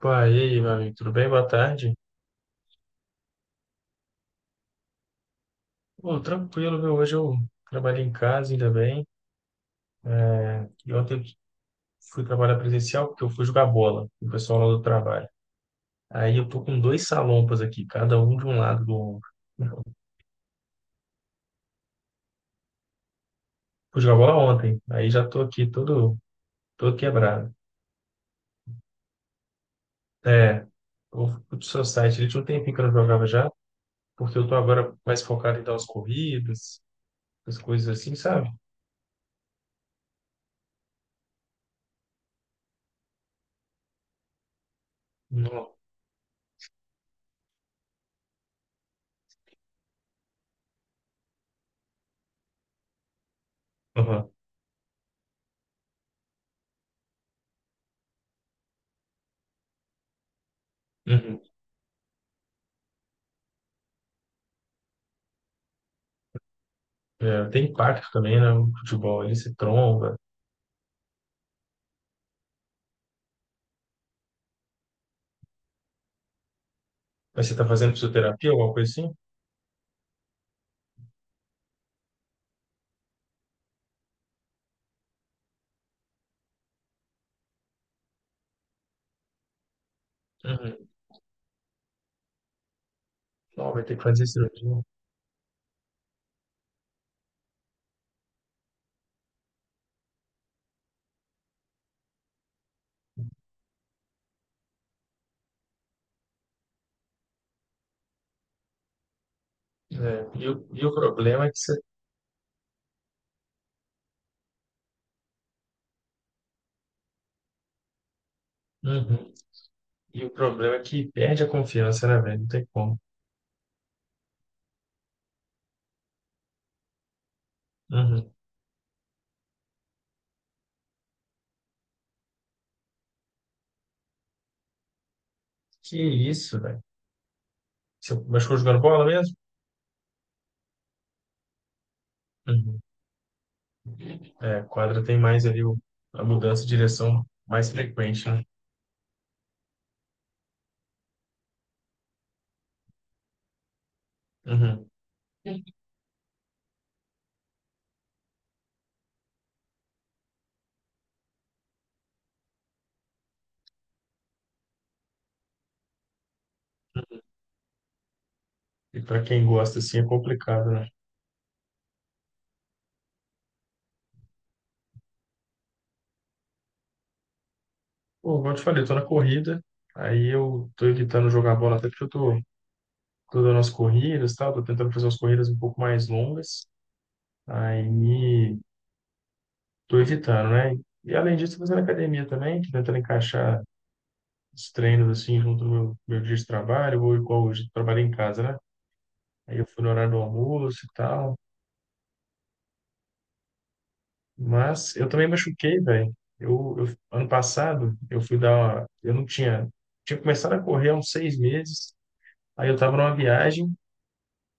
Pá, e aí, meu amigo, tudo bem? Boa tarde. Pô, tranquilo, viu? Hoje eu trabalhei em casa, ainda bem. É, e ontem eu fui trabalhar presencial porque eu fui jogar bola com o pessoal lá do trabalho. Aí eu tô com dois salompas aqui, cada um de um lado do ombro. Fui jogar bola ontem, aí já tô aqui todo, todo quebrado. É, eu fui pro seu site, ele tinha um tempinho que eu não jogava já, porque eu tô agora mais focado em dar umas corridas, as coisas assim, sabe? Não. Uhum. Uhum. É, tem impacto também, né? O futebol, ele se tromba. Mas você tá fazendo fisioterapia, alguma coisa assim? Uhum. Não, vai ter que fazer cirurgia. É. E o problema é que você. Uhum. E o problema é que perde a confiança, né, velho? Não tem como. Uhum. Que isso, velho? Você machucou jogando bola mesmo? Uhum. É, quadra tem mais ali o, a mudança de direção mais frequente, né? Uhum. E para quem gosta assim é complicado, né? Pô, como eu te falei, eu tô na corrida, aí eu tô evitando jogar bola até porque eu tô, tô dando as corridas, e tal, tô tentando fazer umas corridas um pouco mais longas. Aí tô evitando, né? E além disso, tô fazendo academia também, tô tentando encaixar os treinos assim junto ao meu dia de trabalho, ou igual hoje, eu trabalhei em casa, né? Aí eu fui no horário do almoço e tal. Mas eu também machuquei, velho. Ano passado, eu fui dar uma. Eu não tinha. Tinha começado a correr há uns 6 meses. Aí eu tava numa viagem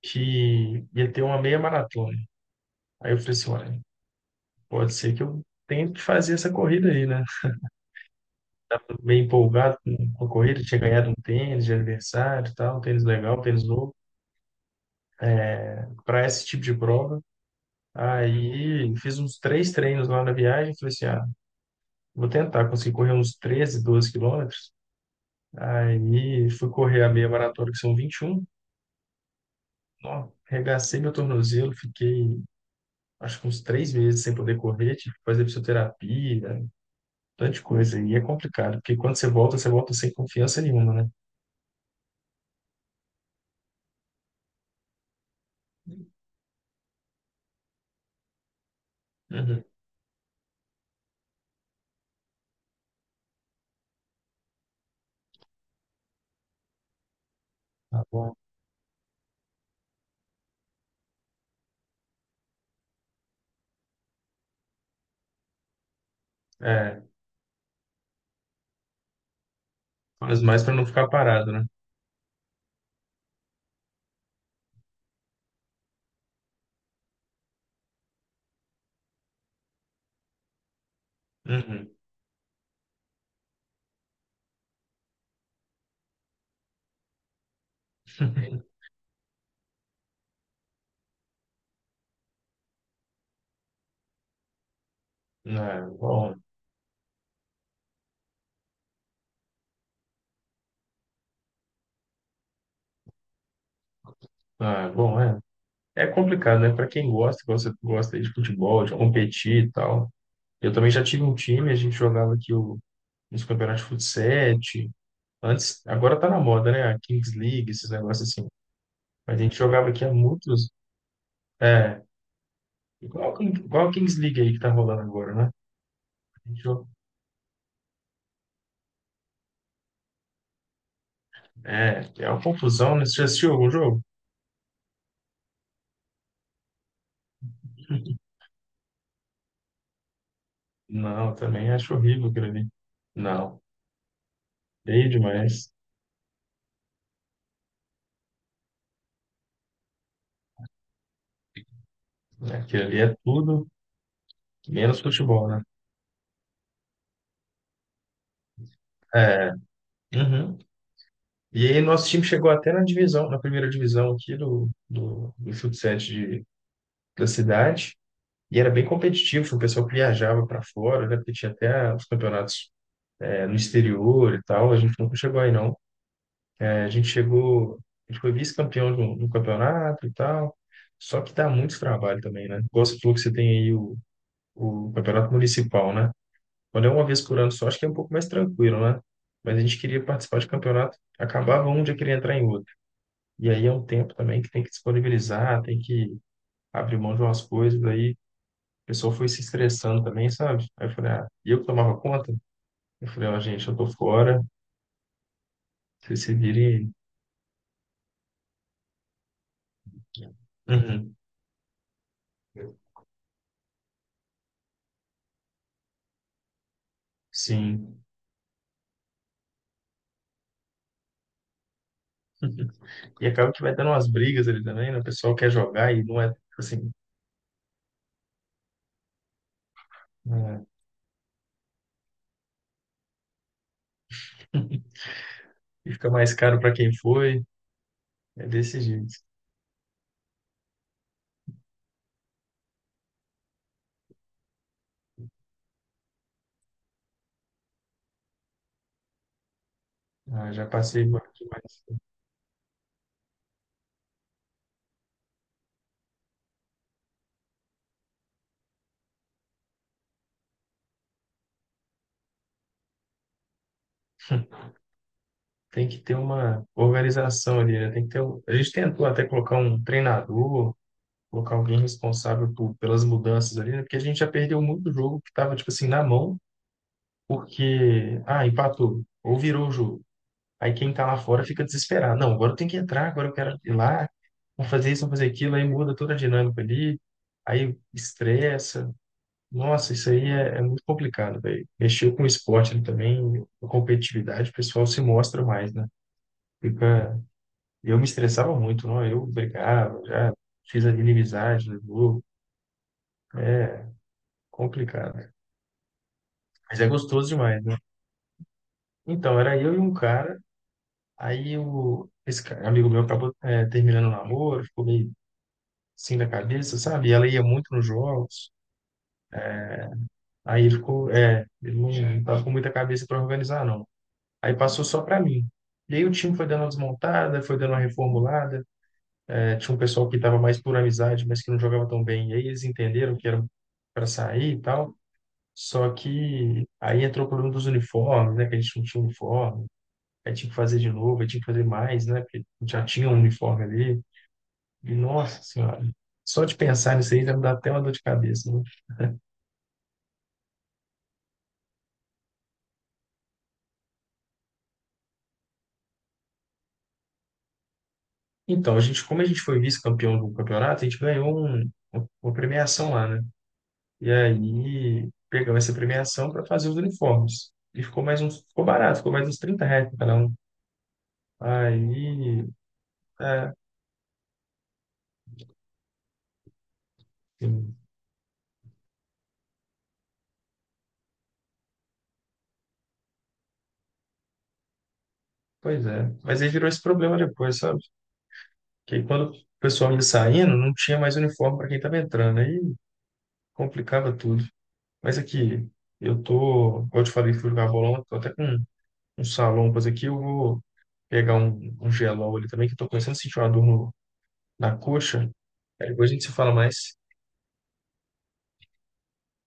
que ia ter uma meia maratona. Aí eu falei assim: olha, pode ser que eu tenha que fazer essa corrida aí, né? Meio empolgado com a corrida, tinha ganhado um tênis de aniversário, e tal, um tênis legal, um tênis novo, para esse tipo de prova. Aí fiz uns três treinos lá na viagem, falei assim, ah, vou tentar, conseguir correr uns 13 12 quilômetros. Aí fui correr a meia maratona, que são 21. Ó, arregacei meu tornozelo, fiquei acho que uns 3 meses sem poder correr, tive que fazer fisioterapia, um tanto de coisa. E é complicado, porque quando você volta sem confiança nenhuma, né? Uhum. Tá bom. É, faz mais para não ficar parado, né? Uhum. É, bom, é, bom, é. É complicado, né? Para quem gosta, gosta, gosta aí de futebol, de competir e tal. Eu também já tive um time, a gente jogava aqui nos campeonatos de futsal. Antes, agora tá na moda, né? A Kings League, esses negócios assim. Mas a gente jogava aqui há muitos. É, igual, igual a Kings League aí que tá rolando agora, né? A gente joga- É, uma confusão, né? Você já assistiu algum jogo? Não, também acho horrível aquilo ali. Não, feio demais. Aquilo ali é tudo. Menos futebol, né? É. Uhum. E aí nosso time chegou até na divisão, na primeira divisão aqui do, do, futsal da cidade. E era bem competitivo, o pessoal que viajava para fora, né? Porque tinha até os campeonatos é, no exterior e tal. A gente nunca chegou aí, não. É, a gente chegou, a gente foi vice-campeão de um campeonato e tal. Só que dá muito trabalho também, né? Igual você falou que você tem aí o campeonato municipal, né? Quando é uma vez por ano só, acho que é um pouco mais tranquilo, né? Mas a gente queria participar de campeonato, acabava um dia queria entrar em outro. E aí é um tempo também que tem que disponibilizar, tem que abrir mão de umas coisas, aí a pessoa foi se estressando também, sabe? Aí eu falei, ah, e eu que tomava conta? Eu falei, ó, gente, eu tô fora, vocês se virem. Uhum. Sim. E acaba que vai dando umas brigas ali também, né? O pessoal quer jogar e não é tipo assim. É, e fica mais caro para quem foi. É desse jeito. Ah, já passei por aqui, mas tem que ter uma organização ali, né? Tem que ter, um- a gente tentou até colocar um treinador, colocar alguém responsável por, pelas mudanças ali, né? Porque a gente já perdeu muito jogo que estava, tipo assim, na mão, porque, ah, empatou, ou virou o jogo. Aí quem tá lá fora fica desesperado. Não, agora eu tenho que entrar, agora eu quero ir lá, vou fazer isso, vou fazer aquilo, aí muda toda a dinâmica ali, aí estressa. Nossa, isso aí é, é muito complicado, velho. Mexeu com o esporte ali também, a competitividade, o pessoal se mostra mais, né? Fica eu me estressava muito, não? Eu brigava, já fiz a inimizade no grupo. É complicado, né? Mas é gostoso demais, né? Então, era eu e um cara, aí o, esse cara, amigo meu acabou é, terminando o namoro, ficou meio assim da cabeça, sabe? E ela ia muito nos jogos, aí ele ficou, é, ele não, não tava com muita cabeça para organizar, não. Aí passou só para mim. E aí o time foi dando uma desmontada, foi dando uma reformulada. É, tinha um pessoal que estava mais por amizade, mas que não jogava tão bem. E aí eles entenderam que era para sair e tal. Só que aí entrou o problema dos uniformes, né? Que a gente não tinha uniforme. Aí tinha que fazer de novo, aí tinha que fazer mais, né? Porque já tinha um uniforme ali. E, nossa senhora, só de pensar nisso aí já me dá até uma dor de cabeça, né? Então, a gente, como a gente foi vice-campeão do campeonato, a gente ganhou uma premiação lá, né? E aí pegamos essa premiação para fazer os uniformes. E ficou mais uns, ficou barato, ficou mais uns R$ 30 pra cada um. Aí, é, assim, pois é. Mas aí virou esse problema depois, sabe? Que aí quando o pessoal ia saindo, não tinha mais uniforme para quem estava entrando. Aí complicava tudo. Mas aqui, eu tô, como eu te falei, fui jogar bolão, tô até com um salompas aqui, eu vou pegar um gelol ali também, que eu tô começando a sentir uma dor no- na coxa. Aí depois a gente se fala mais.